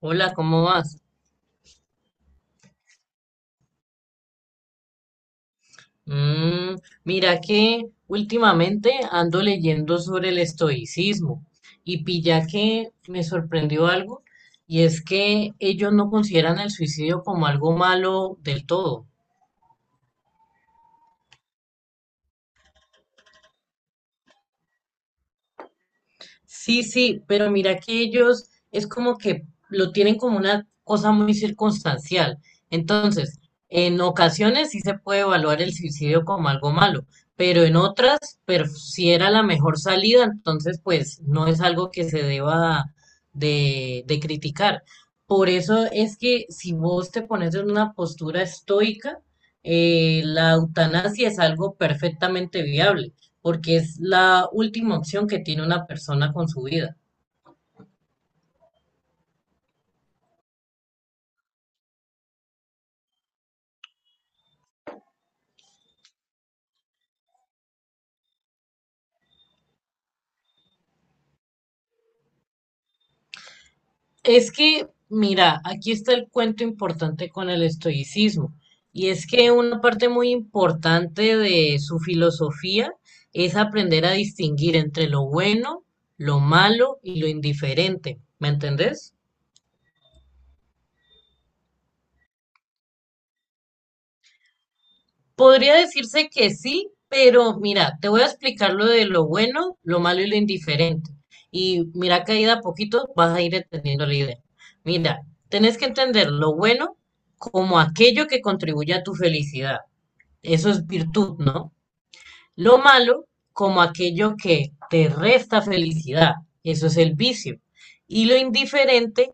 Hola, ¿cómo vas? Mm, Mira que últimamente ando leyendo sobre el estoicismo y pilla que me sorprendió algo y es que ellos no consideran el suicidio como algo malo del todo. Sí, sí, pero mira que ellos es como que lo tienen como una cosa muy circunstancial. Entonces, en ocasiones sí se puede evaluar el suicidio como algo malo, pero en otras, pero si era la mejor salida, entonces pues no es algo que se deba de criticar. Por eso es que si vos te pones en una postura estoica, la eutanasia es algo perfectamente viable porque es la última opción que tiene una persona con su vida. Es que, mira, aquí está el cuento importante con el estoicismo, y es que una parte muy importante de su filosofía es aprender a distinguir entre lo bueno, lo malo y lo indiferente, ¿me entendés? Podría decirse que sí, pero mira, te voy a explicar lo de lo bueno, lo malo y lo indiferente. Y mira que ahí de a poquito vas a ir entendiendo la idea. Mira, tenés que entender lo bueno como aquello que contribuye a tu felicidad. Eso es virtud, ¿no? Lo malo como aquello que te resta felicidad, eso es el vicio. Y lo indiferente,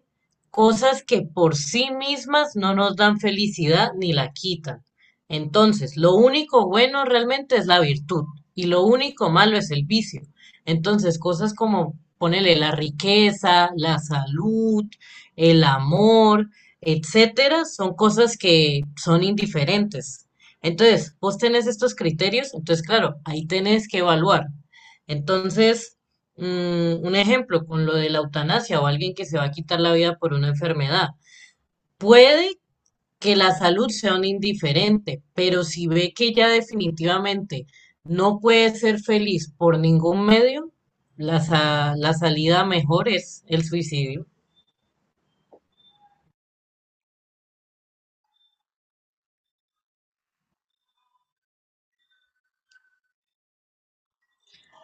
cosas que por sí mismas no nos dan felicidad ni la quitan. Entonces, lo único bueno realmente es la virtud y lo único malo es el vicio. Entonces, cosas como ponele la riqueza, la salud, el amor, etcétera, son cosas que son indiferentes. Entonces, vos tenés estos criterios, entonces, claro, ahí tenés que evaluar. Entonces, un ejemplo con lo de la eutanasia o alguien que se va a quitar la vida por una enfermedad. Puede que la salud sea un indiferente, pero si ve que ya definitivamente no puede ser feliz por ningún medio, la salida mejor es el suicidio.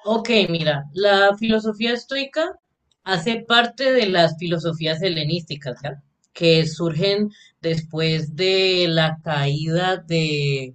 Ok, mira, la filosofía estoica hace parte de las filosofías helenísticas, ¿ya? Que surgen después de la caída de,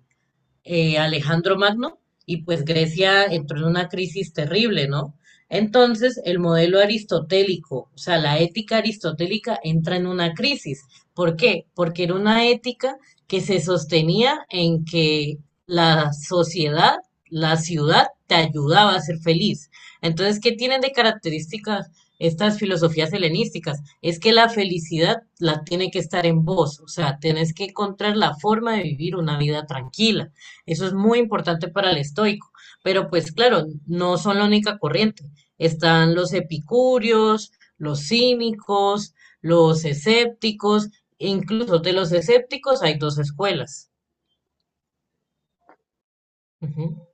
Alejandro Magno y pues Grecia entró en una crisis terrible, ¿no? Entonces el modelo aristotélico, o sea, la ética aristotélica entra en una crisis. ¿Por qué? Porque era una ética que se sostenía en que la sociedad, la ciudad te ayudaba a ser feliz. Entonces, ¿qué tienen de características estas filosofías helenísticas? Es que la felicidad la tiene que estar en vos, o sea, tenés que encontrar la forma de vivir una vida tranquila. Eso es muy importante para el estoico, pero pues claro, no son la única corriente. Están los epicúreos, los cínicos, los escépticos, e incluso de los escépticos hay dos escuelas. Ujú.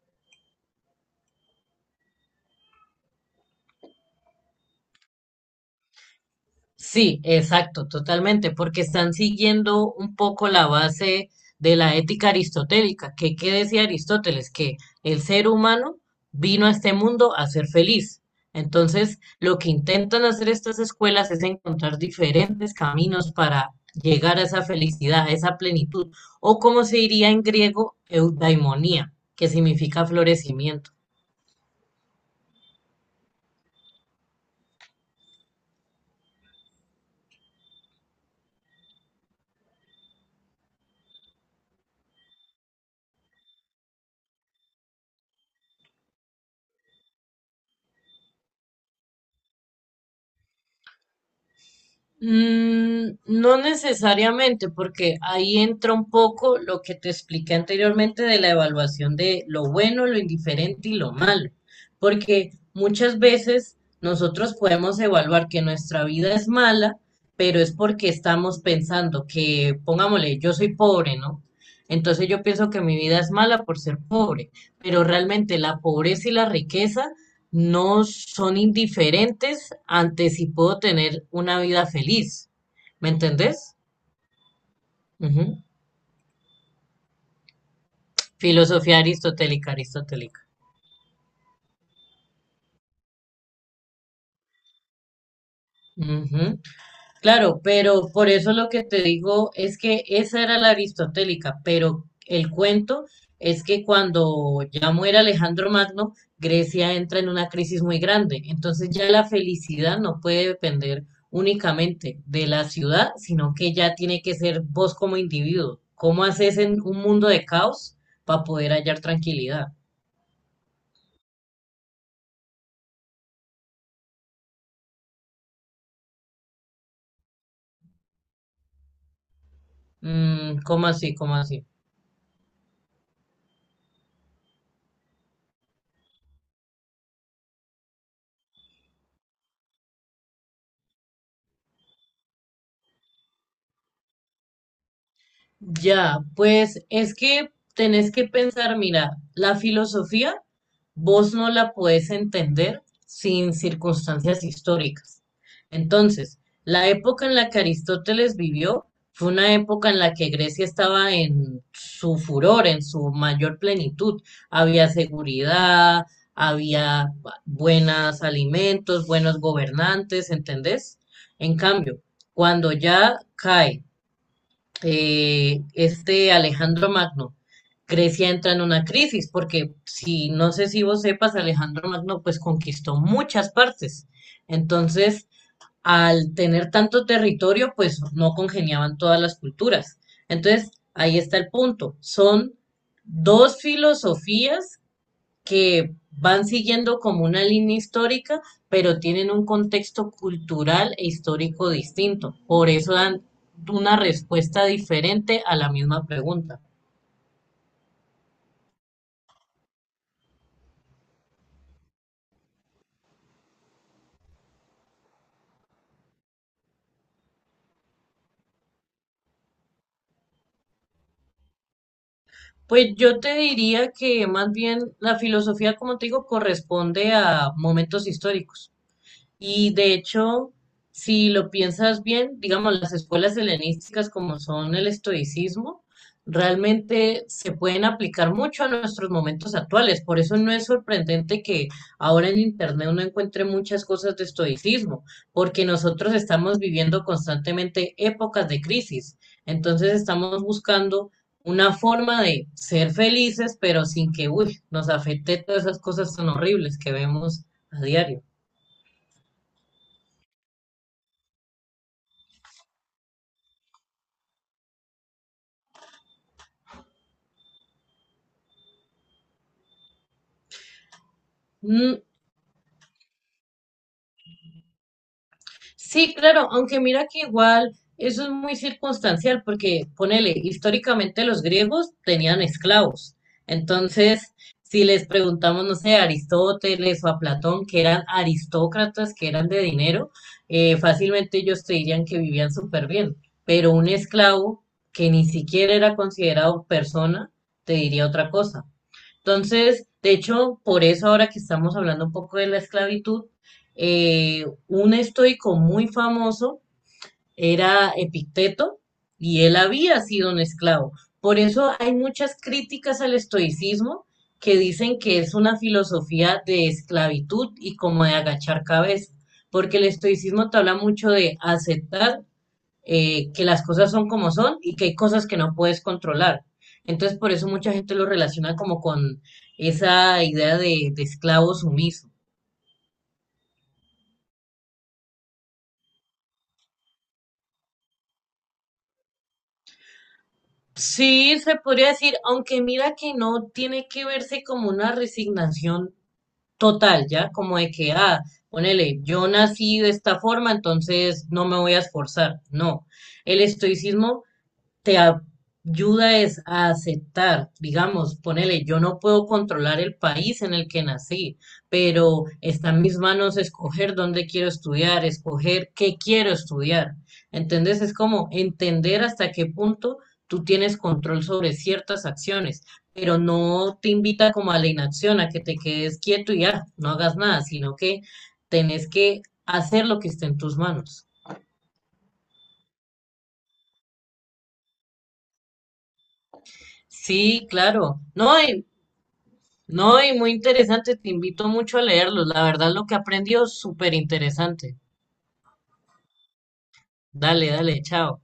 Sí, exacto, totalmente, porque están siguiendo un poco la base de la ética aristotélica, que qué decía Aristóteles, que el ser humano vino a este mundo a ser feliz. Entonces, lo que intentan hacer estas escuelas es encontrar diferentes caminos para llegar a esa felicidad, a esa plenitud, o como se diría en griego, eudaimonía, que significa florecimiento. No necesariamente, porque ahí entra un poco lo que te expliqué anteriormente de la evaluación de lo bueno, lo indiferente y lo malo, porque muchas veces nosotros podemos evaluar que nuestra vida es mala, pero es porque estamos pensando que, pongámosle, yo soy pobre, ¿no? Entonces yo pienso que mi vida es mala por ser pobre, pero realmente la pobreza y la riqueza no son indiferentes ante si puedo tener una vida feliz. ¿Me entendés? Ujú. Filosofía aristotélica, aristotélica. Ujú. Claro, pero por eso lo que te digo es que esa era la aristotélica, pero el cuento es que cuando ya muere Alejandro Magno, Grecia entra en una crisis muy grande. Entonces ya la felicidad no puede depender únicamente de la ciudad, sino que ya tiene que ser vos como individuo. ¿Cómo haces en un mundo de caos para poder hallar tranquilidad? ¿Cómo así? ¿Cómo así? Ya, pues es que tenés que pensar, mira, la filosofía vos no la podés entender sin circunstancias históricas. Entonces, la época en la que Aristóteles vivió fue una época en la que Grecia estaba en su furor, en su mayor plenitud. Había seguridad, había buenos alimentos, buenos gobernantes, ¿entendés? En cambio, cuando ya cae este Alejandro Magno, Grecia entra en una crisis, porque si no sé si vos sepas, Alejandro Magno pues conquistó muchas partes. Entonces, al tener tanto territorio, pues no congeniaban todas las culturas. Entonces, ahí está el punto. Son dos filosofías que van siguiendo como una línea histórica, pero tienen un contexto cultural e histórico distinto. Por eso dan una respuesta diferente a la misma pregunta. Pues yo te diría que más bien la filosofía, como te digo, corresponde a momentos históricos. Y de hecho, si lo piensas bien, digamos, las escuelas helenísticas como son el estoicismo, realmente se pueden aplicar mucho a nuestros momentos actuales. Por eso no es sorprendente que ahora en Internet uno encuentre muchas cosas de estoicismo, porque nosotros estamos viviendo constantemente épocas de crisis. Entonces estamos buscando una forma de ser felices, pero sin que, uy, nos afecte todas esas cosas tan horribles que vemos a diario. Mm, sí, claro, aunque mira que igual eso es muy circunstancial porque, ponele, históricamente los griegos tenían esclavos. Entonces, si les preguntamos, no sé, a Aristóteles o a Platón, que eran aristócratas, que eran de dinero, fácilmente ellos te dirían que vivían súper bien. Pero un esclavo que ni siquiera era considerado persona, te diría otra cosa. Entonces, de hecho, por eso ahora que estamos hablando un poco de la esclavitud, un estoico muy famoso era Epicteto y él había sido un esclavo. Por eso hay muchas críticas al estoicismo que dicen que es una filosofía de esclavitud y como de agachar cabeza, porque el estoicismo te habla mucho de aceptar que las cosas son como son y que hay cosas que no puedes controlar. Entonces, por eso mucha gente lo relaciona como con esa idea de esclavo sumiso. Sí, se podría decir, aunque mira que no tiene que verse como una resignación total, ¿ya? Como de que, ah, ponele, yo nací de esta forma, entonces no me voy a esforzar. No, el estoicismo te ayuda es a aceptar, digamos, ponele, yo no puedo controlar el país en el que nací, pero está en mis manos escoger dónde quiero estudiar, escoger qué quiero estudiar. ¿Entendés? Es como entender hasta qué punto tú tienes control sobre ciertas acciones, pero no te invita como a la inacción, a que te quedes quieto y ya, no hagas nada, sino que tenés que hacer lo que esté en tus manos. Sí, claro. No, y muy interesante, te invito mucho a leerlos. La verdad, lo que aprendió es súper interesante. Dale, dale, chao.